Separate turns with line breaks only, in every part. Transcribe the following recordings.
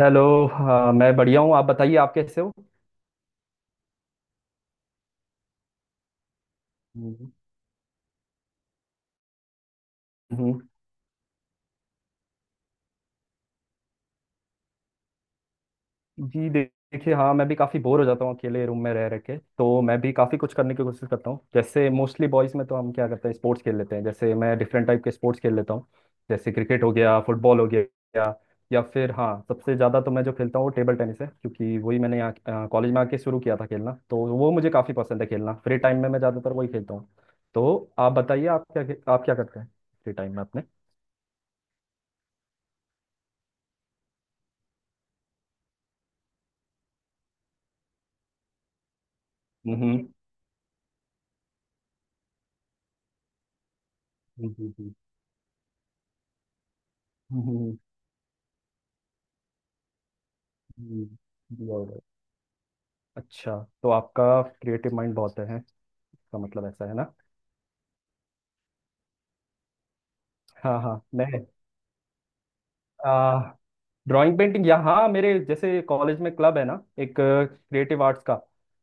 Hello. हाँ, मैं बढ़िया हूँ। आप बताइए, आप कैसे हो? हम्म। हम्म, जी, देखिए, हाँ मैं भी काफ़ी बोर हो जाता हूँ अकेले रूम में रह रह के। तो मैं भी काफ़ी कुछ करने की कोशिश करता हूँ, जैसे मोस्टली बॉयज़ में तो हम क्या करते हैं, स्पोर्ट्स खेल लेते हैं। जैसे मैं डिफरेंट टाइप के स्पोर्ट्स खेल लेता हूँ, जैसे क्रिकेट हो गया, फुटबॉल हो गया, या फिर हाँ, सबसे ज़्यादा तो मैं जो खेलता हूँ वो टेबल टेनिस है, क्योंकि वही मैंने यहाँ कॉलेज में आके शुरू किया था खेलना। तो वो मुझे काफ़ी पसंद है खेलना, फ्री टाइम में मैं ज़्यादातर वही खेलता हूँ। तो आप बताइए, आप क्या करते हैं फ्री टाइम में अपने? हम्म। जी जी जी। हम्म, जी। जी, और अच्छा। तो आपका क्रिएटिव माइंड बहुत है, इसका मतलब ऐसा है ना? हाँ हाँ, मैं आ, ड्राइंग पेंटिंग यहाँ मेरे जैसे कॉलेज में क्लब है ना, एक क्रिएटिव आर्ट्स का।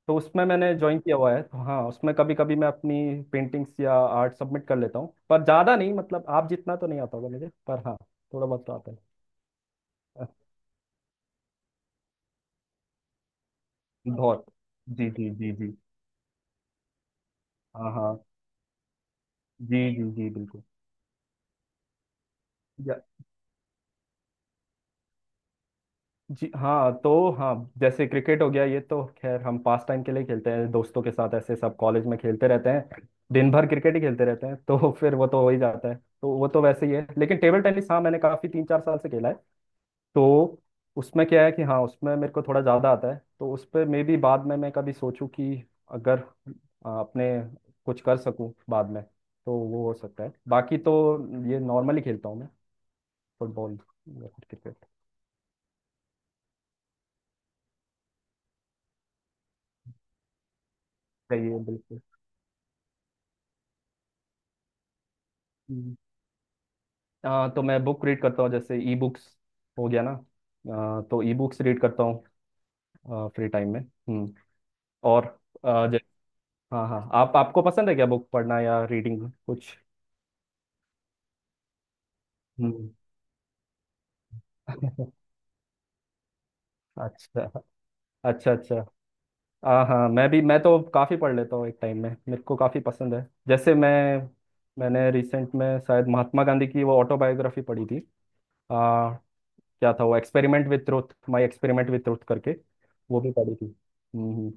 तो उसमें मैंने ज्वाइन किया हुआ है। तो हाँ, उसमें कभी कभी मैं अपनी पेंटिंग्स या आर्ट सबमिट कर लेता हूँ, पर ज़्यादा नहीं, मतलब आप जितना तो नहीं आता होगा मुझे, पर हाँ थोड़ा बहुत तो आता है। अ, बहुत। जी जी जी जी। हाँ हाँ। जी जी जी बिल्कुल। जी हाँ तो हाँ, जैसे क्रिकेट हो गया, ये तो खैर हम पास टाइम के लिए खेलते हैं दोस्तों के साथ, ऐसे सब कॉलेज में खेलते रहते हैं, दिन भर क्रिकेट ही खेलते रहते हैं तो फिर वो तो हो ही जाता है, तो वो तो वैसे ही है। लेकिन टेबल टेनिस हाँ, मैंने काफ़ी तीन चार साल से खेला है। तो उसमें क्या है कि हाँ, उसमें मेरे को थोड़ा ज़्यादा आता है, तो उस पर मे बी बाद में मैं कभी सोचूं कि अगर अपने कुछ कर सकूं बाद में, तो वो हो सकता है। बाकी तो ये नॉर्मली खेलता हूँ मैं, फुटबॉल या फिर क्रिकेट। सही है बिल्कुल। तो मैं बुक रीड करता हूँ, जैसे ई बुक्स हो गया ना। तो ई बुक्स रीड करता हूँ फ्री टाइम में। हम्म, और आ, जै- हाँ हाँ, आप आपको पसंद है क्या बुक पढ़ना या रीडिंग कुछ? हम्म। अच्छा अच्छा अच्छा। हाँ हाँ, मैं भी, मैं तो काफ़ी पढ़ लेता हूँ एक टाइम में, मेरे को काफ़ी पसंद है। जैसे मैंने रिसेंट में शायद महात्मा गांधी की वो ऑटोबायोग्राफी पढ़ी थी। आ, क्या था वो, experiment with truth, my experiment with truth करके, वो भी पढ़ी थी।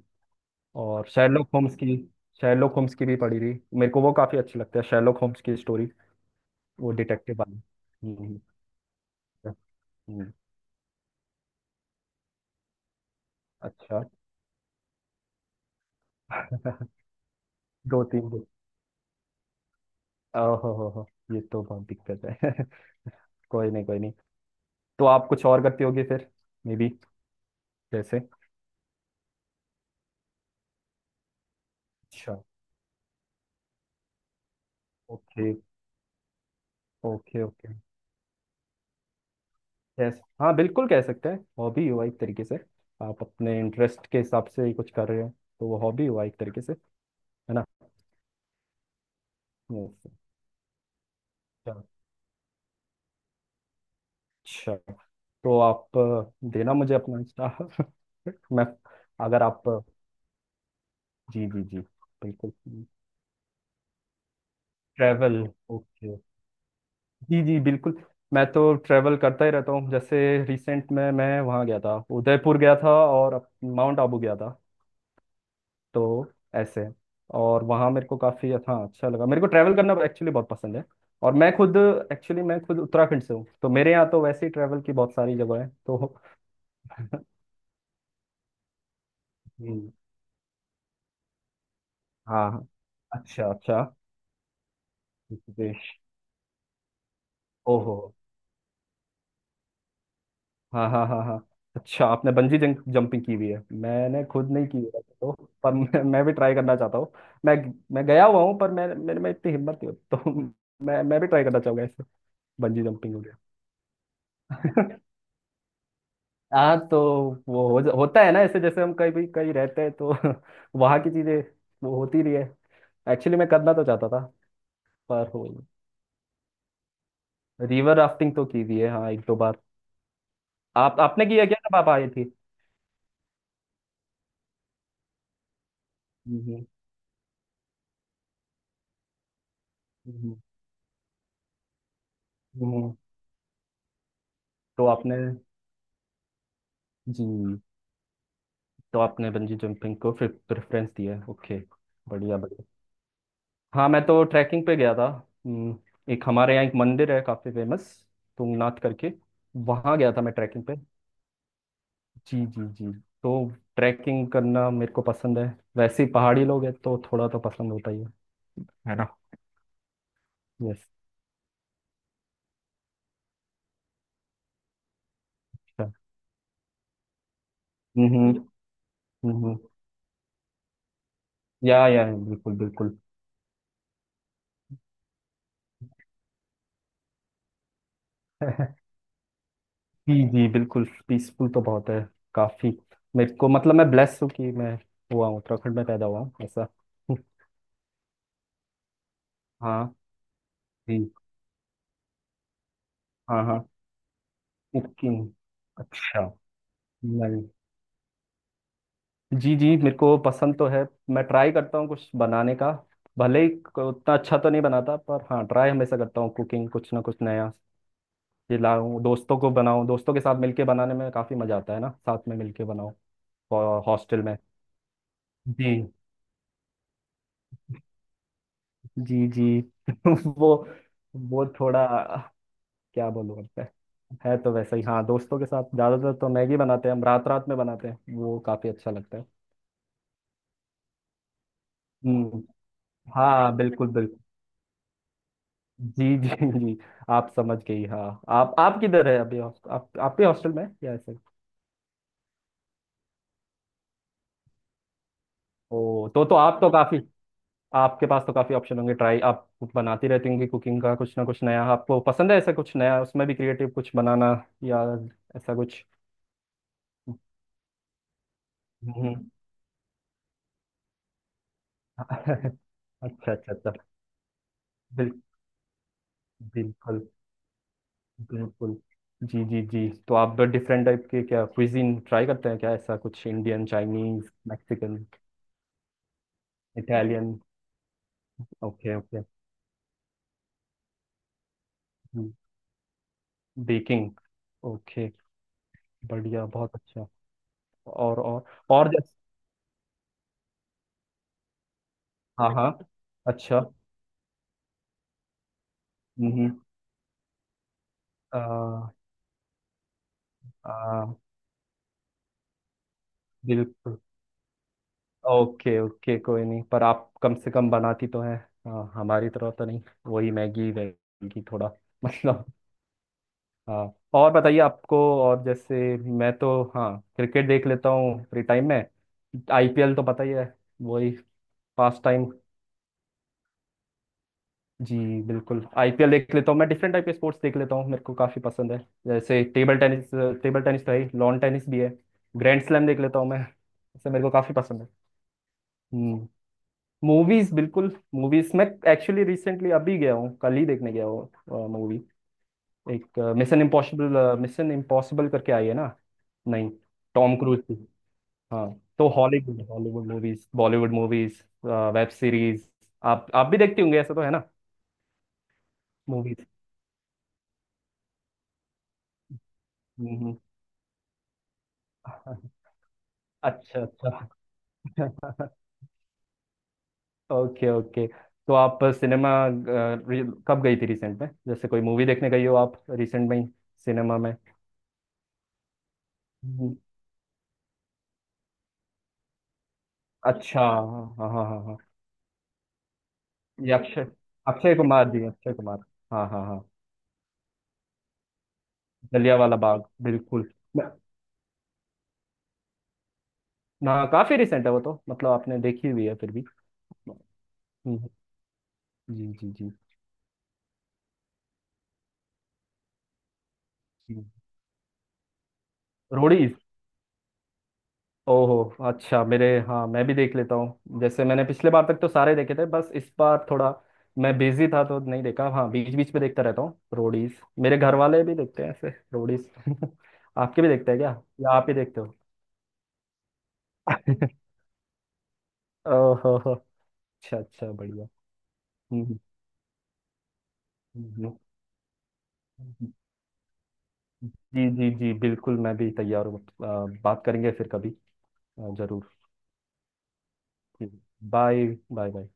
और शेरलॉक होम्स की, शेरलॉक होम्स की भी पढ़ी थी। मेरे को वो काफ़ी अच्छी लगती है, शेरलॉक होम्स की स्टोरी, वो डिटेक्टिव वाली। हम्म। हम्म, अच्छा। दो तीन बुक? ओहो हो, ये तो बहुत दिक्कत है। कोई नहीं कोई नहीं। तो आप कुछ और करती होगी फिर मे बी, जैसे। अच्छा। Okay okay. ओके। यस, हाँ बिल्कुल कह सकते हैं, हॉबी हुआ एक तरीके से। आप अपने इंटरेस्ट के हिसाब से ही कुछ कर रहे हैं, तो वो हॉबी हुआ एक तरीके से, है ना? Yes. अच्छा। तो आप देना मुझे अपना इंस्टा। मैं, अगर आप। जी जी जी बिल्कुल। ट्रैवल। ओके। जी जी बिल्कुल, मैं तो ट्रैवल करता ही रहता हूँ। जैसे रिसेंट में मैं वहाँ गया था, उदयपुर गया था, और माउंट आबू गया था, तो ऐसे। और वहाँ मेरे को काफ़ी हाँ, अच्छा लगा, मेरे को ट्रैवल करना एक्चुअली बहुत पसंद है। और मैं खुद, एक्चुअली मैं खुद उत्तराखंड से हूँ, तो मेरे यहाँ तो वैसे ही ट्रैवल की बहुत सारी जगह है तो। हम्म। हाँ हाँ। अच्छा अच्छा। ऋषिकेश, ओहो हाँ हाँ हाँ हाँ। अच्छा, आपने बंजी जंप जंपिंग की हुई है, मैंने खुद नहीं की है वैसे तो, पर मैं भी ट्राई करना चाहता हूँ। मैं मैं गया हुआ हूँ, पर मैं मेरे में इतनी हिम्मत नहीं होती तो। मैं भी ट्राई करना चाहूंगा ऐसे। बंजी जंपिंग हो गया। हाँ तो वो होता है ना ऐसे, जैसे हम कहीं भी कहीं रहते हैं तो। वहाँ की चीजें वो होती रही है। एक्चुअली मैं करना तो चाहता था, पर हो नहीं। रिवर राफ्टिंग तो की हुई है हाँ, एक दो बार। आप आपने किया क्या जब आप आई थी? हम्म। हम्म। हम्म। हम्म। तो आपने, जी, तो आपने बंजी जंपिंग को फिर प्रेफरेंस दिया है, ओके। बढ़िया बढ़िया। हाँ मैं तो ट्रैकिंग पे गया था। हम्म, एक हमारे यहाँ एक मंदिर है काफ़ी फेमस, तुंगनाथ करके, वहाँ गया था मैं ट्रैकिंग पे। जी जी जी। तो ट्रैकिंग करना मेरे को पसंद है, वैसे ही पहाड़ी लोग हैं तो थोड़ा तो पसंद होता ही है ना? यस। अच्छा। हम्म। हम्म। या बिल्कुल बिल्कुल। जी जी बिल्कुल, पीसफुल तो बहुत है, काफी। मेरे को मतलब मैं ब्लेस हूँ कि मैं हुआ हूँ, उत्तराखंड में पैदा हुआ हूँ ऐसा। हाँ जी। हाँ हाँ। कुकिंग, अच्छा, नहीं। जी जी, मेरे को पसंद तो है, मैं ट्राई करता हूँ कुछ बनाने का, भले ही उतना अच्छा तो नहीं बनाता, पर हाँ ट्राई हमेशा करता हूँ कुकिंग कुछ ना कुछ नया, ये लाऊं दोस्तों को बनाऊं, दोस्तों के साथ मिलके बनाने में काफी मजा आता है ना, साथ में मिलके बनाओ, हॉस्टल में। जी जी जी। वो वो थोड़ा क्या बोलूँ अब मैं, है तो वैसा ही हाँ, दोस्तों के साथ ज्यादातर तो मैगी बनाते हैं हम, रात रात में बनाते हैं, वो काफी अच्छा लगता है। हम्म। हाँ बिल्कुल बिल्कुल। जी जी जी। आप समझ गई हाँ। आप किधर है अभी, आप आपके हॉस्टल में है या ऐसे? ओ, तो आप तो काफी, आपके पास तो काफी ऑप्शन होंगे ट्राई, आप बनाती रहती होंगी कुकिंग का कुछ ना कुछ नया, आपको पसंद है ऐसा कुछ नया, उसमें भी क्रिएटिव कुछ बनाना या ऐसा कुछ। हम्म हम्म। हाँ, अच्छा अच्छा अच्छा। बिल, बिल्कुल बिल्कुल। जी जी जी। तो आप डिफरेंट टाइप के क्या क्विजीन ट्राई करते हैं क्या, ऐसा कुछ, Indian Chinese Mexican Italian? Okay okay. Baking. Okay, बढ़िया बहुत अच्छा। और जैसे। हाँ हाँ। अच्छा। हम्म हम्म। आ, आ, बिल्कुल। ओके ओके, कोई नहीं, पर आप कम से कम बनाती तो हैं हाँ, हमारी तरह तो नहीं वही मैगी वैगी थोड़ा। मतलब, हाँ और बताइए आपको, और जैसे। मैं तो हाँ क्रिकेट देख लेता हूँ फ्री टाइम में, आईपीएल तो पता ही है, वही पास टाइम। जी बिल्कुल, आईपीएल देख लेता हूँ, मैं डिफरेंट टाइप के स्पोर्ट्स देख लेता हूँ, मेरे को काफ़ी पसंद है। जैसे टेबल टेनिस, टेबल टेनिस तो है ही, लॉन टेनिस भी है, ग्रैंड स्लैम देख लेता हूँ मैं, इससे मेरे को काफ़ी पसंद है। हम्म। मूवीज बिल्कुल। मूवीज मैं एक्चुअली रिसेंटली अभी गया हूँ, कल ही देखने गया हूँ मूवी, एक मिशन इम्पॉसिबल। मिशन इम्पॉसिबल करके आई है ना? नहीं। Tom Cruise. हाँ, तो Hollywood Hollywood movies Bollywood movies web series, आप भी देखती होंगे ऐसा तो है ना? मूवीज। हम्म। अच्छा अच्छा। Okay okay. तो आप सिनेमा, कब गई थी रिसेंट में, जैसे कोई मूवी देखने गई हो आप रिसेंट में ही सिनेमा में? हम्म, अच्छा हाँ हाँ हाँ हाँ हाँ। ये अक्षय, अक्षय कुमार जी, अक्षय कुमार। हाँ हाँ हाँ। जलियांवाला बाग बिल्कुल। मैं- ना, काफी रिसेंट है वो तो, मतलब आपने देखी हुई है फिर भी। हम्म। जी जी जी। रोडीज, ओहो अच्छा, मेरे, हाँ मैं भी देख लेता हूँ, जैसे मैंने पिछले बार तक तो सारे देखे थे, बस इस बार थोड़ा मैं बिजी था तो नहीं देखा, हाँ बीच बीच में देखता रहता हूँ रोडीज, मेरे घर वाले भी देखते हैं ऐसे रोडीज। आपके भी देखते हैं क्या या आप ही देखते हो? ओहो हो, अच्छा अच्छा बढ़िया। हम्म हम्म। हम्म हम्म। जी जी जी बिल्कुल, मैं भी तैयार हूँ। बात करेंगे फिर कभी। जरूर। बाय। Bye bye.